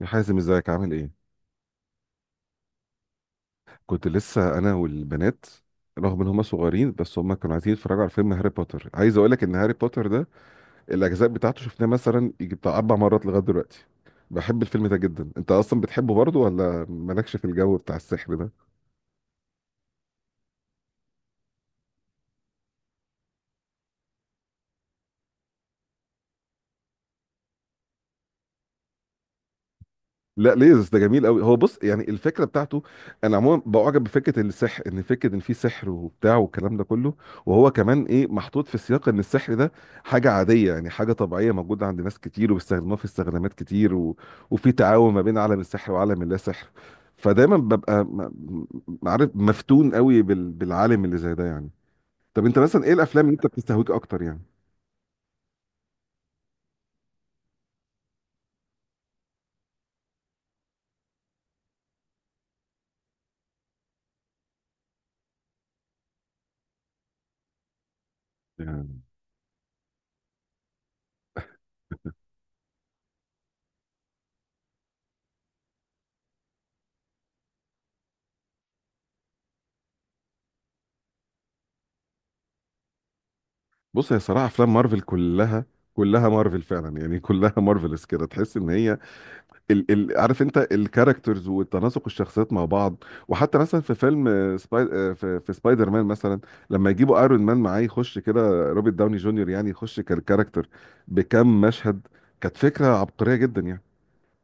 يا حازم، ازيك؟ عامل ايه؟ كنت لسه انا والبنات. رغم ان هما صغيرين بس هما كانوا عايزين يتفرجوا على فيلم هاري بوتر. عايز اقول لك ان هاري بوتر ده الاجزاء بتاعته شفناه مثلا يجي بتاع اربع مرات لغايه دلوقتي. بحب الفيلم ده جدا. انت اصلا بتحبه برضه ولا مالكش في الجو بتاع السحر؟ لا، ليزرز ده جميل قوي. هو بص، يعني الفكره بتاعته، انا عموما بعجب بفكره السحر، ان فكره ان في سحر وبتاع والكلام ده كله. وهو كمان ايه، محطوط في سياق ان السحر ده حاجه عاديه، يعني حاجه طبيعيه موجوده عند ناس كتير وبيستخدموها في استخدامات كتير و، وفي تعاون ما بين عالم السحر وعالم اللا سحر. فدايما ببقى عارف، مفتون قوي بالعالم اللي زي ده يعني. طب انت مثلا ايه الافلام اللي انت بتستهويك اكتر يعني بص، هي صراحه افلام مارفل كلها، كلها مارفل فعلا، يعني كلها مارفلز كده. تحس ان هي ال عارف انت، الكاركترز وتناسق الشخصيات مع بعض. وحتى مثلا في فيلم آه، سباي آه، في سبايدر مان مثلا، لما يجيبوا ايرون مان معاه يخش كده روبرت داوني جونيور، يعني يخش كالكاركتر بكم مشهد. كانت فكره عبقريه جدا يعني،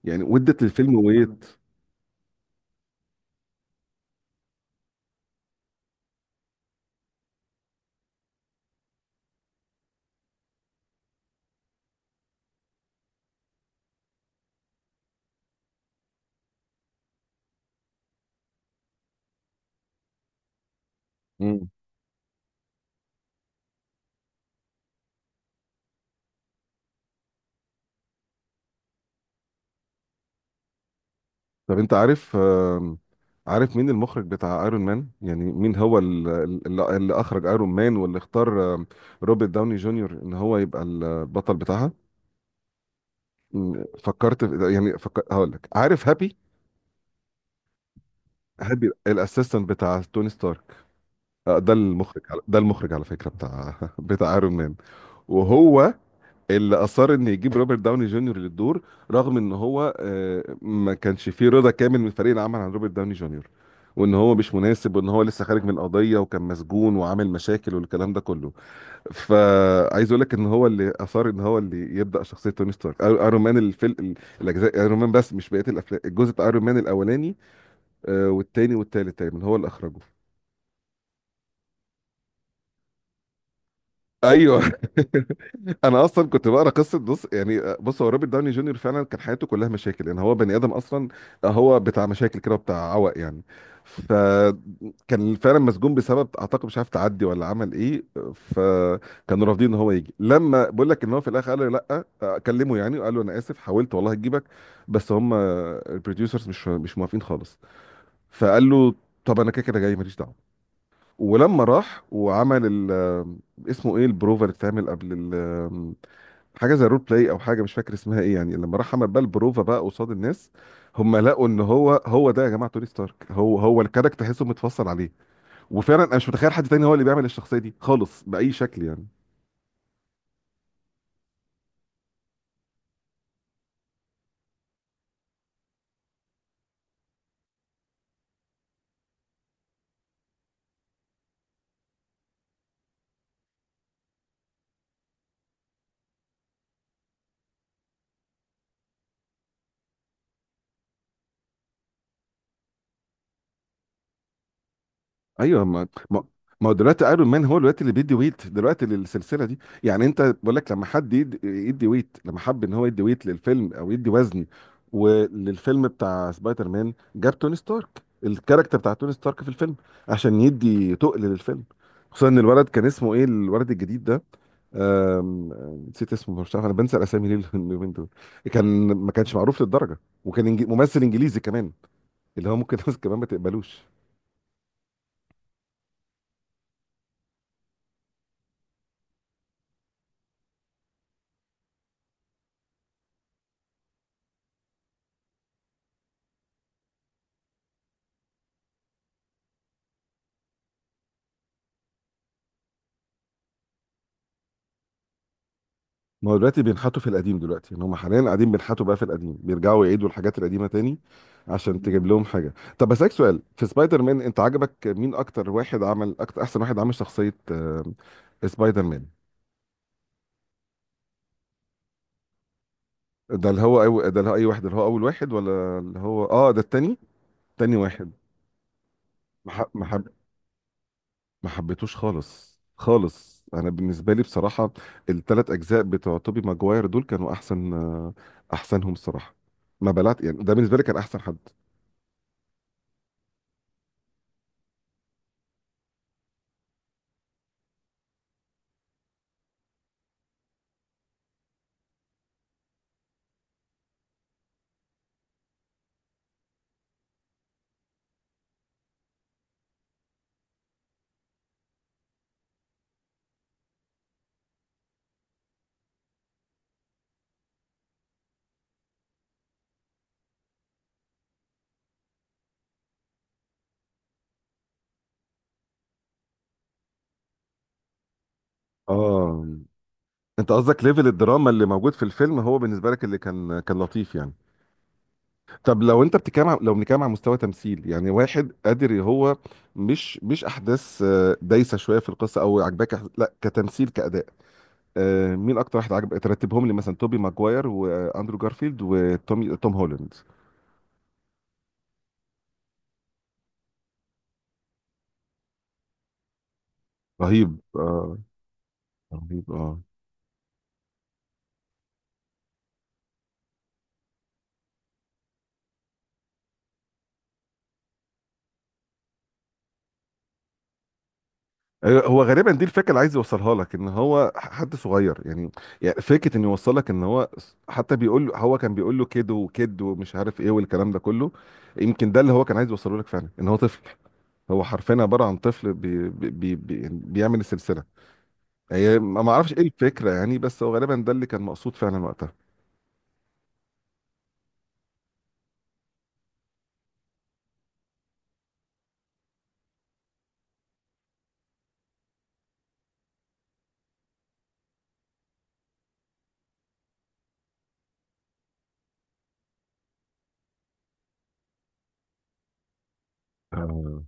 يعني ودت للفيلم ويت. مم. طب انت عارف، آم، عارف مين المخرج بتاع ايرون مان، يعني مين هو اللي اخرج ايرون مان، واللي اختار روبرت داوني جونيور ان هو يبقى البطل بتاعها؟ فكرت في، يعني هقول لك، عارف هابي؟ هابي الاسيستنت بتاع توني ستارك، ده المخرج على فكره بتاع بتاع ايرون مان. وهو اللي اصر ان يجيب روبرت داوني جونيور للدور، رغم ان هو ما كانش فيه رضا كامل من فريق العمل عن روبرت داوني جونيور، وان هو مش مناسب، وان هو لسه خارج من قضيه وكان مسجون وعامل مشاكل والكلام ده كله. فعايز اقول لك ان هو اللي اثار، ان هو اللي يبدا شخصيه توني ستارك، ايرون مان، الفيلم الاجزاء، ايرون مان بس مش بقيه الافلام، الجزء بتاع ايرون مان الاولاني والتاني والتالت تقريبا هو اللي اخرجه. ايوه انا اصلا كنت بقرا قصه. بص هو روبرت داوني جونيور فعلا كان حياته كلها مشاكل، يعني هو بني ادم اصلا هو بتاع مشاكل كده وبتاع عوق يعني. فكان فعلا مسجون بسبب، اعتقد مش عارف، تعدي ولا عمل ايه. فكانوا رافضين ان هو يجي، لما بقول لك ان هو في الاخر قال له لا كلمه يعني، وقال له انا اسف، حاولت والله اجيبك بس هم البروديوسرز مش موافقين خالص. فقال له طب انا كده كده جاي ماليش دعوه. ولما راح وعمل اسمه ايه البروفر اللي اتعمل قبل، ال حاجه زي رول بلاي او حاجه مش فاكر اسمها ايه، يعني لما راح عمل بقى البروفا بقى قصاد الناس، هم لقوا ان هو هو ده، يا جماعه توني ستارك هو هو الكاركتر، تحسه متفصل عليه. وفعلا انا مش متخيل حد تاني هو اللي بيعمل الشخصيه دي خالص باي شكل يعني. ايوه، ما هو دلوقتي ايرون مان هو دلوقتي اللي بيدي ويت دلوقتي للسلسله دي، يعني انت، بقول لك لما حد يدي ويت، لما حب ان هو يدي ويت للفيلم او يدي وزن، وللفيلم بتاع سبايدر مان جاب توني ستارك، الكاركتر بتاع توني ستارك في الفيلم، عشان يدي تقل للفيلم، خصوصا ان الولد كان اسمه ايه، الولد الجديد ده. أم... أم، نسيت اسمه، مش عارف انا بنسى الاسامي ليه اليومين دول. كان، ما كانش معروف للدرجه، وكان ممثل انجليزي كمان، اللي هو ممكن ناس كمان ما تقبلوش. ما هو دلوقتي بينحتوا في القديم، دلوقتي يعني هم حاليا قاعدين بينحتوا بقى في القديم، بيرجعوا يعيدوا الحاجات القديمه تاني عشان تجيب لهم حاجه. طب بسالك سؤال، في سبايدر مان انت عجبك مين اكتر واحد عمل، اكتر احسن واحد عمل شخصيه سبايدر مان؟ ده اللي هو اي واحد، اللي هو اول واحد ولا اللي هو ده التاني؟ تاني واحد. ما ح- ما حب... ما حبيتوش خالص خالص. انا بالنسبه لي بصراحه، الثلاث اجزاء بتوع توبي ماجواير دول كانوا احسنهم الصراحه، ما بلعت يعني، ده بالنسبه لي كان احسن حد. اه، انت قصدك ليفل الدراما اللي موجود في الفيلم هو بالنسبه لك اللي كان لطيف يعني؟ طب لو انت بتتكلم لو بنتكلم عن مستوى تمثيل، يعني واحد قادر، هو مش احداث دايسه شويه في القصه او عجباك، لا، كتمثيل، كاداء، مين اكتر واحد عجب؟ ترتبهم لي مثلا، توبي ماجواير واندرو جارفيلد وتوم توم هولاند. رهيب، آه، رهيب، اه. هو غالبا دي الفكره اللي عايز يوصلها لك، ان هو حد صغير يعني، يعني فكره انه يوصلك ان هو، حتى بيقول له، هو كان بيقول له كيد وكيد ومش عارف ايه والكلام ده كله. يمكن ده اللي هو كان عايز يوصله لك فعلا، ان هو طفل. هو حرفيا عباره عن طفل بي بي بي يعني بيعمل السلسله، هي ما ما اعرفش ايه الفكره يعني، بس هو غالبا ده اللي كان مقصود فعلا وقتها. آه.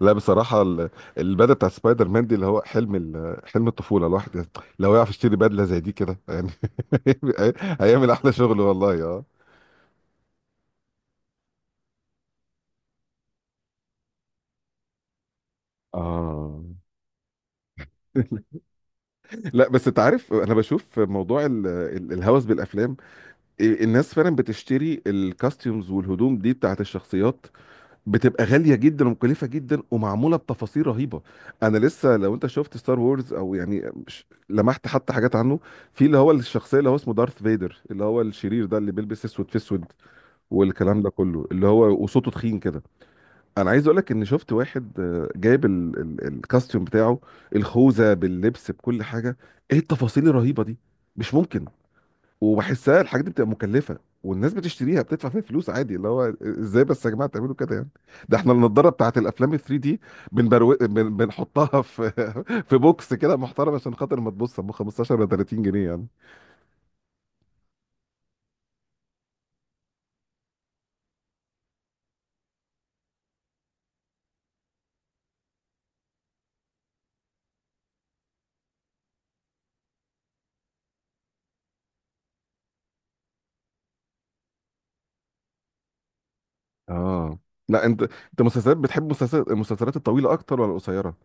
لا، بصراحه البدله بتاع سبايدر مان دي اللي هو حلم الطفوله. الواحد لو يعرف يشتري بدله زي دي كده يعني هيعمل احلى شغل والله اه. اه لا بس انت عارف، انا بشوف موضوع الهوس بالافلام، إيه، الناس فعلا بتشتري الكاستيومز والهدوم دي بتاعت الشخصيات، بتبقى غاليه جدا ومكلفه جدا ومعموله بتفاصيل رهيبه. انا لسه لو انت شفت ستار وورز، او يعني لمحت حتى حاجات عنه، في اللي هو الشخصيه اللي هو اسمه دارث فيدر اللي هو الشرير ده اللي بيلبس اسود في اسود والكلام ده كله، اللي هو وصوته تخين كده. انا عايز اقولك ان شفت واحد جايب الكاستيوم بتاعه، الخوذه باللبس بكل حاجه، ايه التفاصيل الرهيبه دي، مش ممكن. وبحسها الحاجات دي بتبقى مكلفه والناس بتشتريها بتدفع فيها فلوس عادي، اللي هو ازاي بس يا جماعه تعملوا كده يعني؟ ده احنا النضاره بتاعت الافلام ال 3 دي بنحطها في في بوكس كده محترم عشان خاطر ما تبص ب 15 ولا 30 جنيه يعني. اه. لا انت مسلسلات، بتحب مسلسلات، المسلسلات الطويله اكتر ولا القصيره؟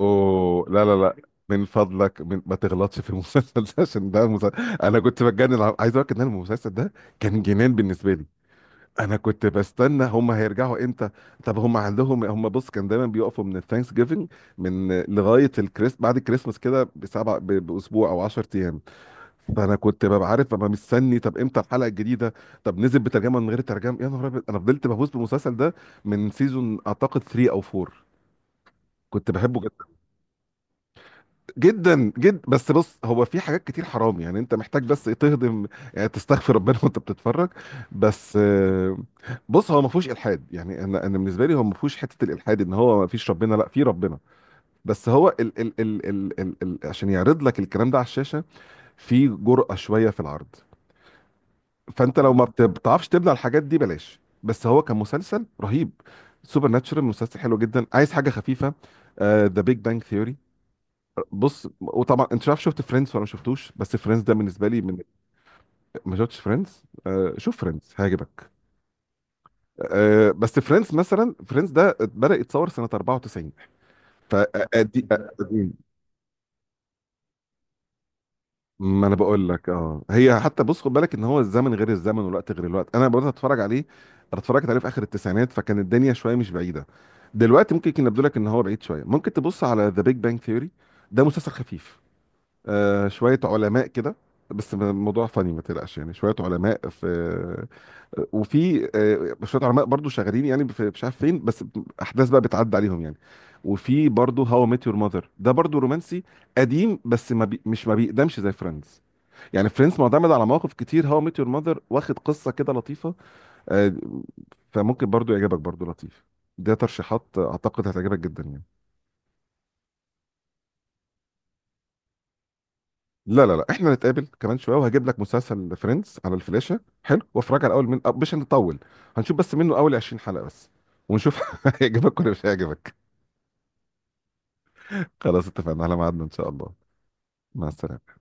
اوه، لا لا لا، من فضلك، ما تغلطش في المسلسل ده، عشان ده مسلسل. انا كنت بتجنن، عايز اقول لك ان أنا المسلسل ده كان جنان بالنسبه لي. انا كنت بستنى هم هيرجعوا امتى. طب هم عندهم، هم بص كان دايما بيقفوا من الثانكس جيفنج، من لغايه بعد الكريسماس كده باسبوع او 10 ايام. فانا كنت ببقى عارف، ببقى مستني طب امتى الحلقه الجديده. طب نزل بترجمه، من غير ترجمه، يا نهار ابيض انا فضلت بهوس بالمسلسل ده من سيزون اعتقد 3 او 4. كنت بحبه جدا. جدا جدا، بس بص هو في حاجات كتير حرام يعني، انت محتاج بس ايه، تهضم يعني، تستغفر ربنا وانت بتتفرج، بس بص هو ما فيهوش الحاد، يعني انا بالنسبه لي هو ما فيهوش حته الالحاد ان هو ما فيش ربنا، لا في ربنا، بس هو ال ال ال ال ال ال عشان يعرض لك الكلام ده على الشاشه في جرأة شويه في العرض، فانت لو ما بتعرفش تبلع الحاجات دي بلاش، بس هو كمسلسل رهيب. سوبر ناتشورال مسلسل حلو جدا. عايز حاجه خفيفه؟ ذا بيج بانج ثيوري. بص وطبعا انت مش عارف، شفت فريندز ولا ما شفتوش؟ بس فريندز ده بالنسبه لي من، ما شفتش فريندز؟ آه، شوف فريندز هيعجبك. آه بس فريندز، مثلا فريندز ده بدأ يتصور سنه 94 فدي قديم. ما انا بقول لك، اه، هي حتى بص خد بالك ان هو الزمن غير الزمن والوقت غير الوقت. انا بدأت اتفرج عليه، انا اتفرجت عليه في اخر التسعينات فكان الدنيا شويه مش بعيده. دلوقتي ممكن يكون يبدو لك ان هو بعيد شويه. ممكن تبص على ذا بيج بانج ثيوري، ده مسلسل خفيف، شوية علماء كده، بس الموضوع فني ما تقلقش، يعني شوية علماء في وفي شوية علماء برضو شغالين يعني في مش عارف فين، بس أحداث بقى بتعدي عليهم يعني. وفي برضو هاو ميت يور ماذر ده برضو رومانسي قديم، بس ما بي مش ما بيقدمش زي فريندز يعني، فريندز معتمد على مواقف كتير، هاو ميت يور ماذر واخد قصة كده لطيفة، آه، فممكن برضو يعجبك، برضو لطيف، ده ترشيحات أعتقد هتعجبك جدا يعني. لا لا لا، احنا نتقابل كمان شويه وهجيب لك مسلسل فريندز على الفلاشه حلو وافرجها الاول من أه، مش هنطول، هنشوف بس منه اول 20 حلقه بس ونشوف هيعجبك ولا مش هيعجبك. خلاص اتفقنا على ميعادنا ان شاء الله. مع السلامه.